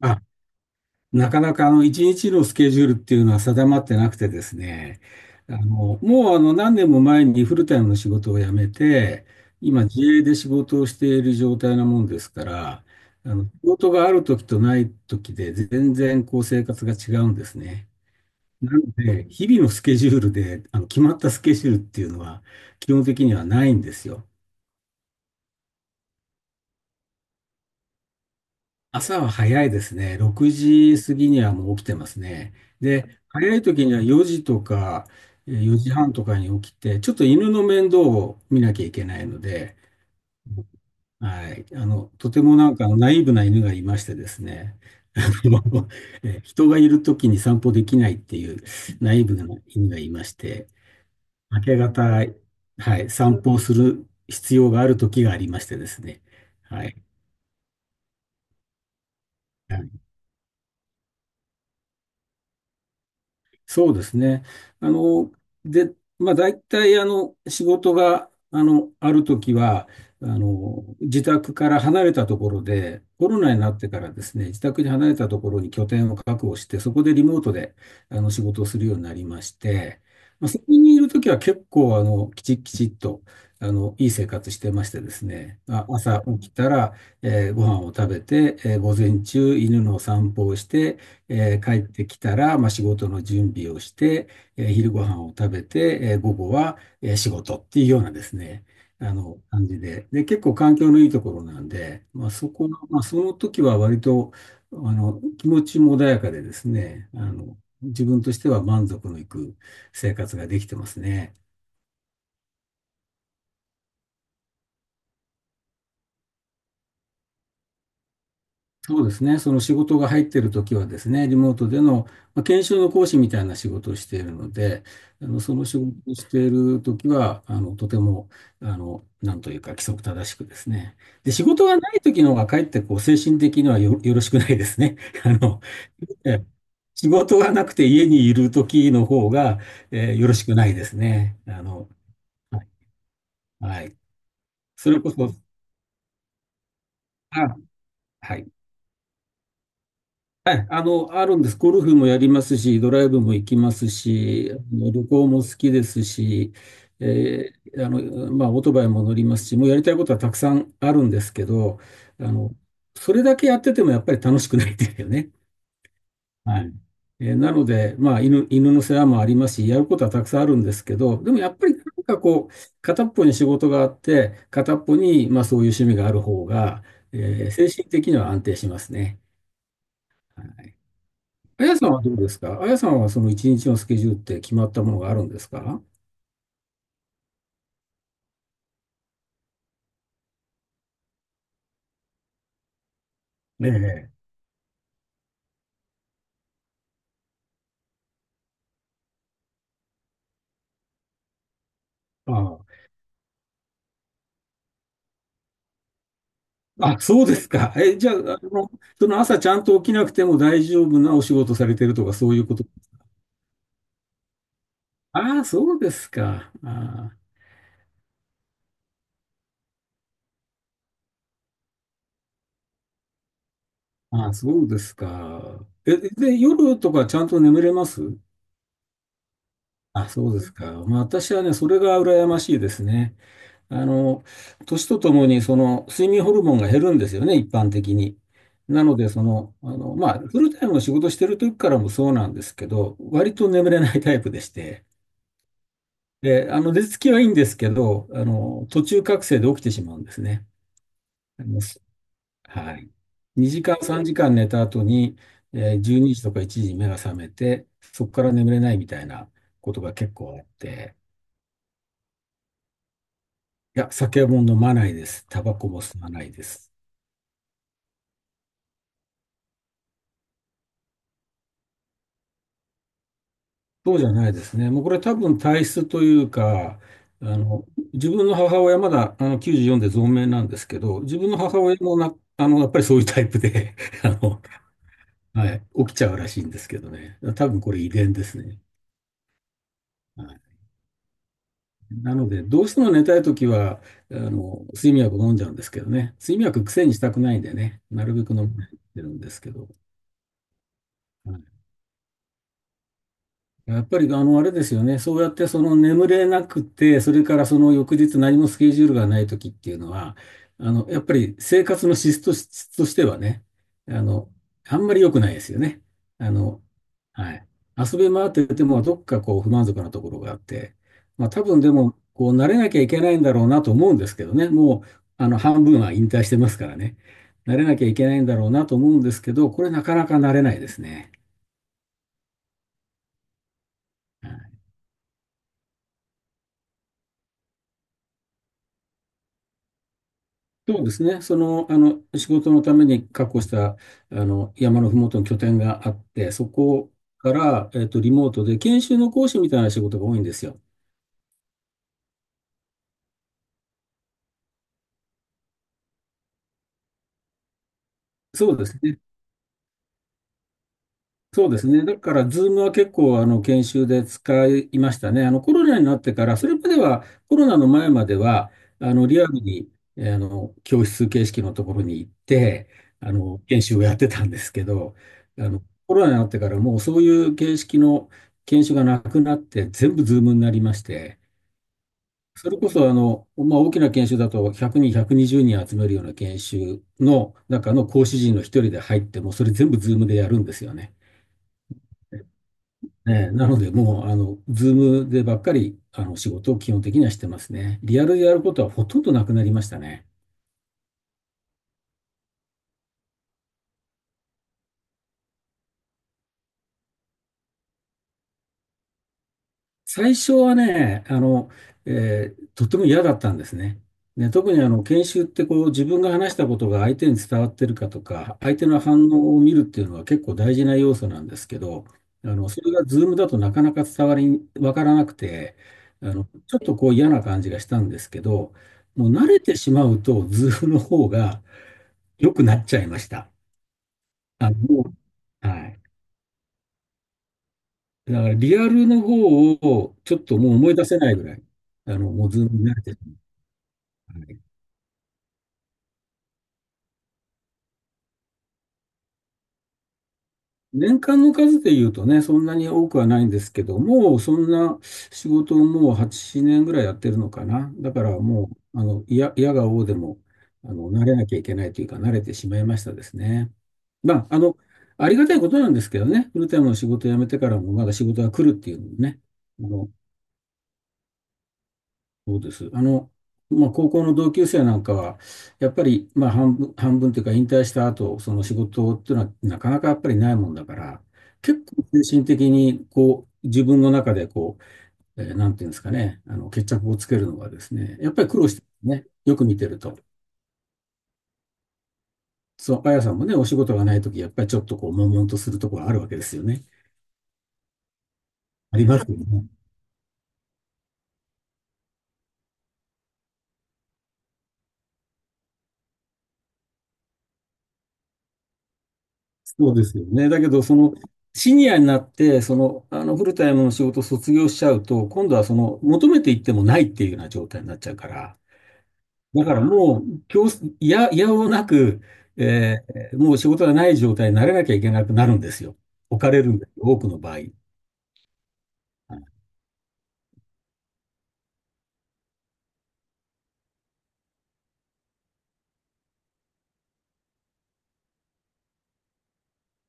あ、なかなか一日のスケジュールっていうのは定まってなくてですね、あのもうあの何年も前にフルタイムの仕事を辞めて、今自営で仕事をしている状態なもんですから、仕事がある時とない時で全然こう生活が違うんですね。なので、日々のスケジュールで決まったスケジュールっていうのは基本的にはないんですよ。朝は早いですね。6時過ぎにはもう起きてますね。で、早い時には4時とか4時半とかに起きて、ちょっと犬の面倒を見なきゃいけないので、はい。とてもなんかナイーブな犬がいましてですね。人がいる時に散歩できないっていうナイーブな犬がいまして、明け方、はい、散歩をする必要がある時がありましてですね。はい。そうですね。あの、で、まあ、大体、仕事が、あるときは、自宅から離れたところで、コロナになってからですね、自宅に離れたところに拠点を確保して、そこでリモートで、仕事をするようになりまして、まあ、そこにいるときは結構、きちっきちっと、いい生活してましてですね、まあ、朝起きたら、ご飯を食べて、午前中、犬の散歩をして、帰ってきたら、まあ、仕事の準備をして、昼ご飯を食べて、午後は、仕事っていうようなですね、感じで。で、結構環境のいいところなんで、まあ、そこの、まあ、その時は割と、気持ちも穏やかでですね、自分としては満足のいく生活ができてますね。そうですね。その仕事が入っているときはですね、リモートでの、まあ、研修の講師みたいな仕事をしているので、その仕事をしているときは、とても、なんというか規則正しくですね。で、仕事がないときの方がかえってこう、精神的にはよ、よろしくないですね。あの、ええ仕事がなくて家にいるときの方が、よろしくないですね。はい。はい、それこそ、あ、はい。はい、あるんです。ゴルフもやりますし、ドライブも行きますし、あの旅行も好きですし、まあ、オートバイも乗りますし、もうやりたいことはたくさんあるんですけど、あの、それだけやっててもやっぱり楽しくないですよね。はい。なので、まあ、犬の世話もありますし、やることはたくさんあるんですけど、でもやっぱりなんかこう、片っぽに仕事があって、片っぽに、まあ、そういう趣味がある方が、精神的には安定しますね。あやさんはどうですか？あやさんはその一日のスケジュールって決まったものがあるんですか？ええ。ああ。あ、そうですか。え、じゃあ、その朝ちゃんと起きなくても大丈夫なお仕事されてるとかそういうこと。ああ、そうですか。ああ、ああ、そうですか。え、で、夜とかちゃんと眠れます？あ、そうですか。まあ私はね、それが羨ましいですね。あの、年とともに、その、睡眠ホルモンが減るんですよね、一般的に。なので、その、まあ、フルタイムの仕事してる時からもそうなんですけど、割と眠れないタイプでして、で、寝つきはいいんですけど、途中覚醒で起きてしまうんですね。あのすはい。2時間、3時間寝た後に、えー12時とか1時に目が覚めて、そこから眠れないみたいなことが結構あって、いや、酒も飲まないです。タバコも吸わないです。そうじゃないですね。もうこれ多分体質というか、あの、自分の母親まだあの94で存命なんですけど、自分の母親もな、やっぱりそういうタイプで、あの、はい、起きちゃうらしいんですけどね。多分これ遺伝ですね。はい、なので、どうしても寝たいときは、睡眠薬を飲んじゃうんですけどね。睡眠薬癖にしたくないんでね、なるべく飲まないようにしてるんですけど。やっぱり、あれですよね。そうやって、その眠れなくて、それからその翌日何もスケジュールがない時っていうのは、やっぱり生活の質としてはね、あの、あんまり良くないですよね。あの、はい。遊び回ってても、どっかこう不満足なところがあって、まあ多分でも、こう慣れなきゃいけないんだろうなと思うんですけどね。もう、半分は引退してますからね。慣れなきゃいけないんだろうなと思うんですけど、これなかなか慣れないですね。そうですね。その、仕事のために確保した、山のふもとの拠点があって、そこから、えっと、リモートで研修の講師みたいな仕事が多いんですよ。そうですね。そうですね。だから、ズームは結構、研修で使いましたね。コロナになってから、それまでは、コロナの前までは、リアルに、教室形式のところに行って、研修をやってたんですけど、コロナになってから、もうそういう形式の研修がなくなって、全部ズームになりまして、それこそ、まあ、大きな研修だと、100人、120人集めるような研修の中の講師陣の一人で入って、もそれ全部ズームでやるんですよね。ねえ、なので、もう、ズームでばっかり、仕事を基本的にはしてますね。リアルでやることはほとんどなくなりましたね。最初はね、とっても嫌だったんですね。ね、特にあの、研修ってこう、自分が話したことが相手に伝わってるかとか、相手の反応を見るっていうのは結構大事な要素なんですけど、それがズームだとなかなか伝わり、わからなくて、ちょっとこう嫌な感じがしたんですけど、もう慣れてしまうと、ズームの方が、良くなっちゃいました。もう、はい。だからリアルの方をちょっともう思い出せないぐらい、もうズームに慣れてる。はい。年間の数で言うとね、そんなに多くはないんですけど、もうそんな仕事をもう8年ぐらいやってるのかな。だからもう、いや、いやが応でも、慣れなきゃいけないというか、慣れてしまいましたですね。まあ、ありがたいことなんですけどね、フルタイムの仕事を辞めてからもまだ仕事が来るっていうのもね、あの、そうです。まあ、高校の同級生なんかは、やっぱり、まあ、半分というか、引退した後、その仕事っていうのは、なかなかやっぱりないもんだから、結構精神的に、こう、自分の中で、こう、えーなんていうんですかね、あの、決着をつけるのがですね、やっぱり苦労してますね、よく見てると。そう、あやさんもね、お仕事がないとき、やっぱりちょっとこう、悶々とするところあるわけですよね。ありますよね。そうですよね。だけど、シニアになって、フルタイムの仕事を卒業しちゃうと、今度はその、求めていってもないっていうような状態になっちゃうから、だからもう、強制、いや、いやおうなく、えもう仕事がない状態にならなきゃいけなくなるんですよ。置かれるんですよ、多くの場合。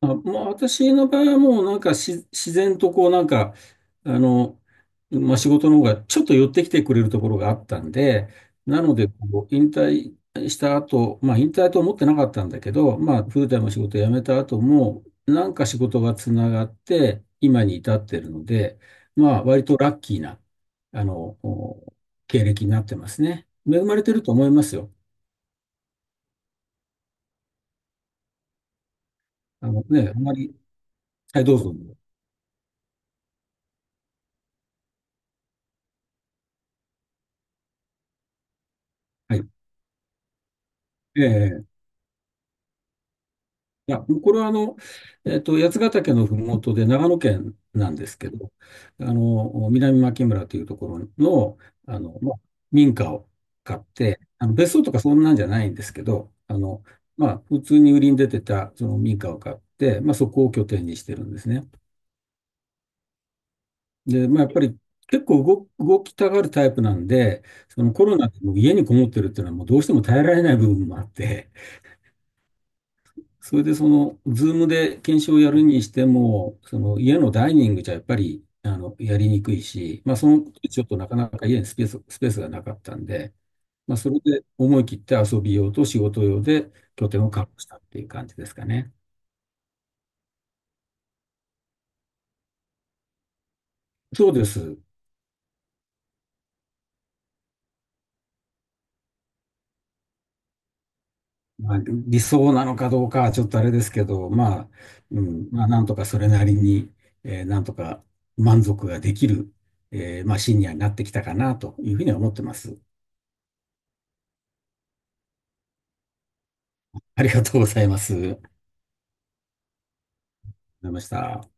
あ、まあ、私の場合はもうなんかし自然とこうなんか、あの、まあ、仕事の方がちょっと寄ってきてくれるところがあったんで、なのでこう引退した後、まあ引退と思ってなかったんだけど、まあフルタイムの仕事を辞めた後も、なんか仕事がつながって今に至ってるので、まあ割とラッキーな、あの、お経歴になってますね。恵まれてると思いますよ。あのね、あんまり、はい、どうぞ。はい。ええ、いや、これはあの、八ヶ岳のふもとで長野県なんですけど、あの、南牧村というところの、あの、まあ、民家を買って、あの、別荘とかそんなんじゃないんですけど、あの、まあ、普通に売りに出てたその民家を買って、まあ、そこを拠点にしてるんですね。で、まあ、やっぱり結構動きたがるタイプなんで、そのコロナでもう家にこもってるっていうのはもうどうしても耐えられない部分もあって、それでその、ズームで研修をやるにしても、その家のダイニングじゃやっぱり、あの、やりにくいし、まあその時ちょっとなかなか家にスペースがなかったんで、まあそれで思い切って遊び用と仕事用で拠点を確保したっていう感じですかね。そうです。まあ、理想なのかどうかはちょっとあれですけど、まあ、うん、まあなんとかそれなりに、なんとか満足ができる、まあシニアになってきたかなというふうには思ってます。ありがとうございます。りました。